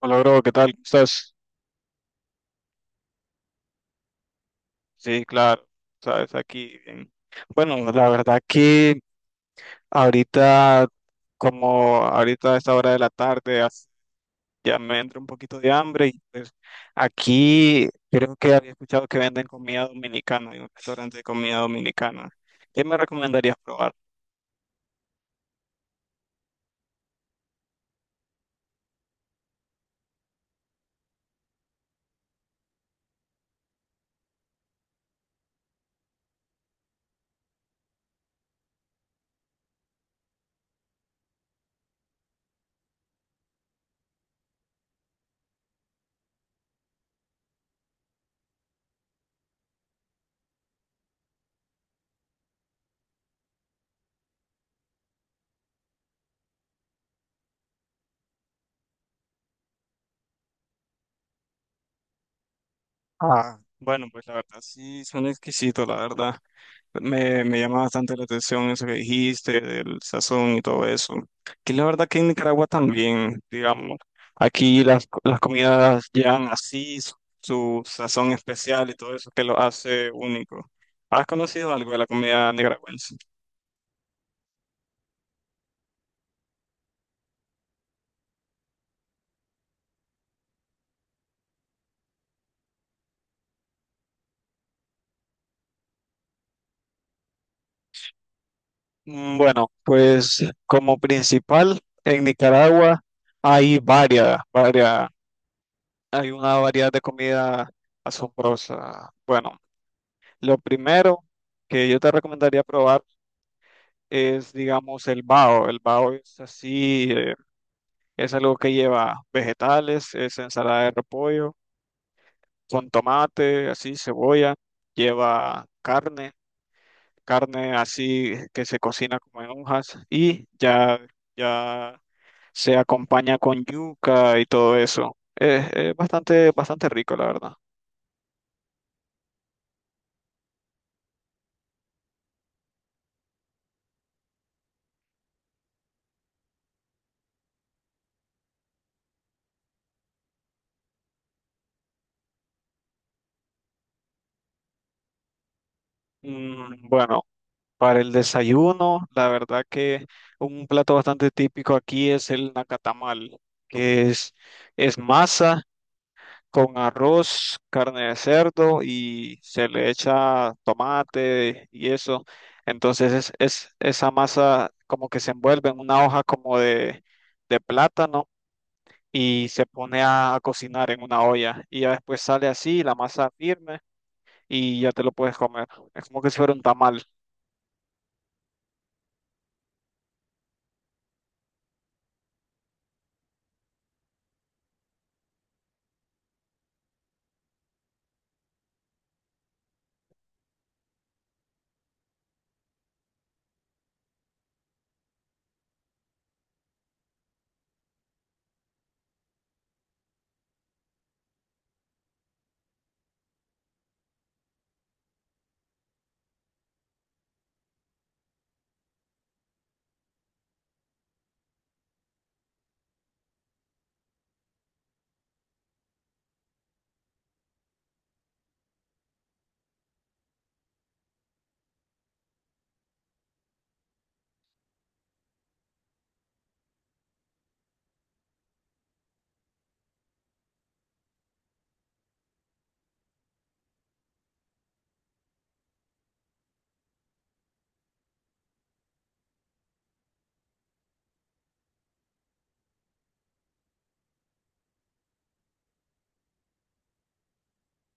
Hola, bro, ¿qué tal? ¿Cómo estás? Sí, claro, sabes, aquí bien. Bueno, la verdad que ahorita, como ahorita a esta hora de la tarde, ya me entra un poquito de hambre y pues aquí creo que había escuchado que venden comida dominicana, hay un restaurante de comida dominicana. ¿Qué me recomendarías probar? Ah, bueno, pues la verdad sí, son exquisitos, la verdad. Me llama bastante la atención eso que dijiste, del sazón y todo eso. Que la verdad que en Nicaragua también, digamos, aquí las comidas llevan así su, su sazón especial y todo eso que lo hace único. ¿Has conocido algo de la comida nicaragüense? Mm, bueno, pues como principal en Nicaragua hay varias, hay una variedad de comida asombrosa. Bueno, lo primero que yo te recomendaría probar es, digamos, el bao. El bao es así, es algo que lleva vegetales, es ensalada de repollo, con tomate, así, cebolla, lleva carne, carne así que se cocina como en hojas y ya se acompaña con yuca y todo eso. Es bastante, bastante rico, la verdad. Mm, bueno. Para el desayuno, la verdad que un plato bastante típico aquí es el nacatamal, que es masa con arroz, carne de cerdo y se le echa tomate y eso. Entonces es, esa masa como que se envuelve en una hoja como de plátano y se pone a cocinar en una olla. Y ya después sale así, la masa firme y ya te lo puedes comer. Es como que si fuera un tamal.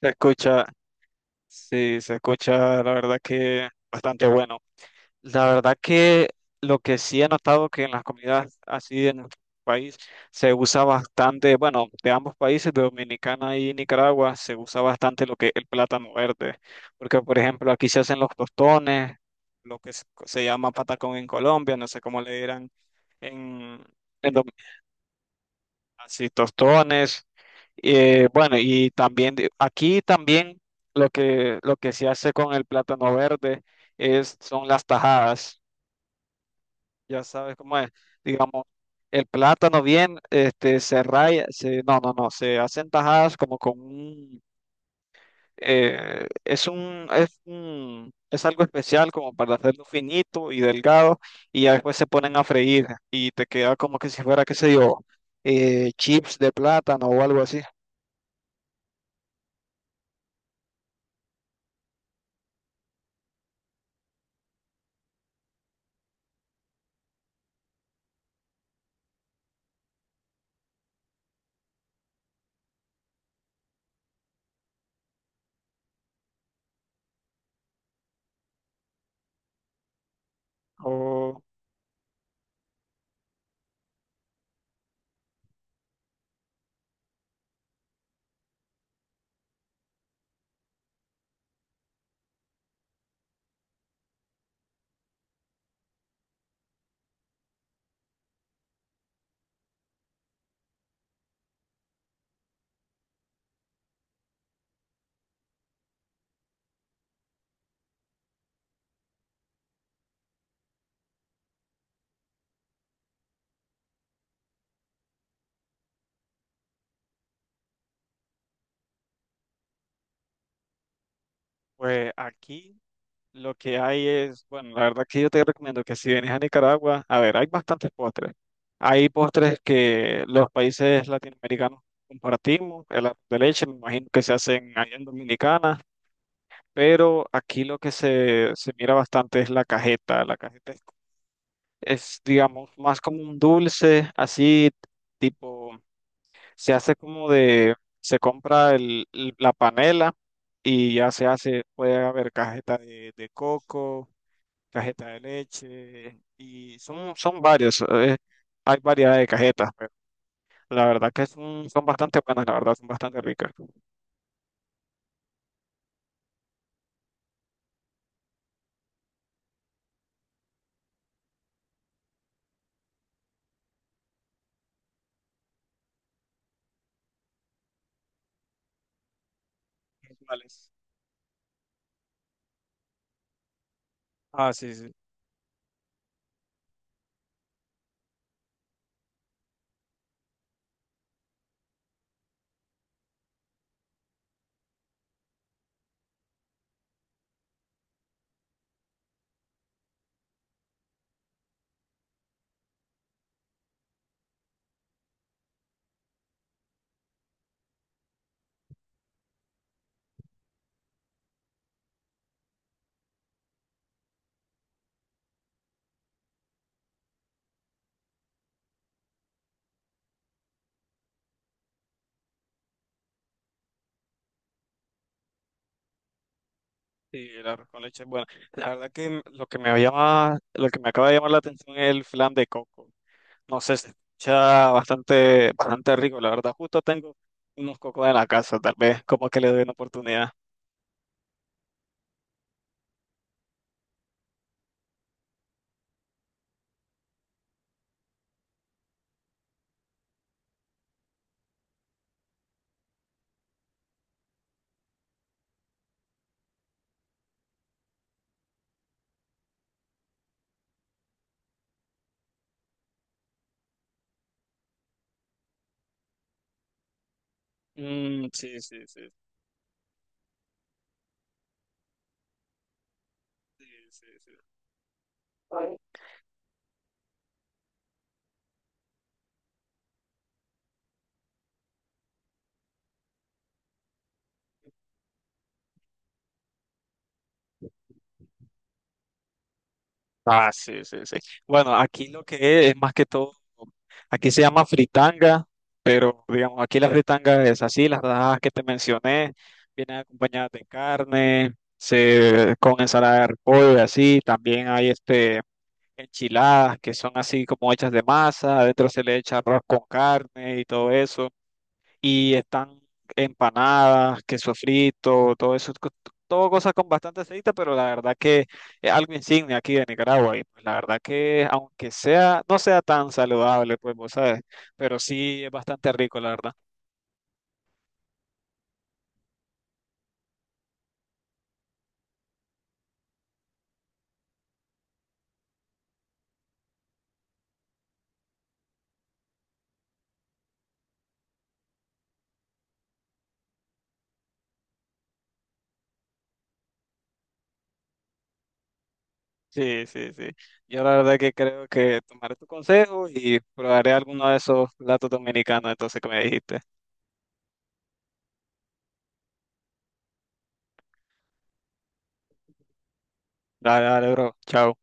Se escucha, sí, se escucha, la verdad que bastante bueno. La verdad que lo que sí he notado que en las comunidades así en nuestro país se usa bastante, bueno, de ambos países, de Dominicana y Nicaragua, se usa bastante lo que es el plátano verde, porque por ejemplo aquí se hacen los tostones, lo que se llama patacón en Colombia, no sé cómo le dirán en, en así, tostones. Bueno, y también aquí también lo que se hace con el plátano verde es, son las tajadas. Ya sabes cómo es. Digamos, el plátano bien, este, se raya, se, no, no, no, se hacen tajadas como con un, es un, es un, es algo especial como para hacerlo finito y delgado y ya después se ponen a freír y te queda como que si fuera, qué sé yo, chips de plátano o algo así. Oh, pues aquí lo que hay es, bueno, la verdad que yo te recomiendo que si vienes a Nicaragua, a ver, hay bastantes postres. Hay postres que los países latinoamericanos compartimos, el arroz de leche, me imagino que se hacen allá en Dominicana, pero aquí lo que se mira bastante es la cajeta. La cajeta es, digamos, más como un dulce, así tipo. Se hace como de, se compra el, la panela y ya se hace, puede haber cajeta de coco, cajeta de leche y son, son varios, hay variedad de cajetas, pero la verdad que son, son bastante buenas, la verdad, son bastante ricas. Vales. Ah, sí, sí. Sí, el arroz con leche es bueno. La verdad que lo que me llama, lo que me acaba de llamar la atención es el flan de coco. No sé, se escucha bastante, bastante rico, la verdad. Justo tengo unos cocos en la casa, tal vez, como que le doy una oportunidad. Mm, sí, sí, sí, sí, sí, sí. Ah, sí, sí, sí. Bueno, aquí lo que es más que todo, aquí se llama fritanga, pero digamos, aquí la fritanga es así, las rajas que te mencioné, vienen acompañadas de carne, se, con ensalada de repollo y así, también hay este... enchiladas que son así como hechas de masa, adentro se le echa arroz con carne y todo eso, y están empanadas, queso frito, todo eso, todo cosas con bastante aceite, pero la verdad que es algo insignia aquí de Nicaragua, y pues la verdad que aunque sea, no sea tan saludable, pues vos sabes, pero sí es bastante rico, la verdad. Sí, sí, sí. Yo la verdad que creo que tomaré tu consejo y probaré alguno de esos platos dominicanos entonces que me dijiste. Dale, dale, bro. Chao.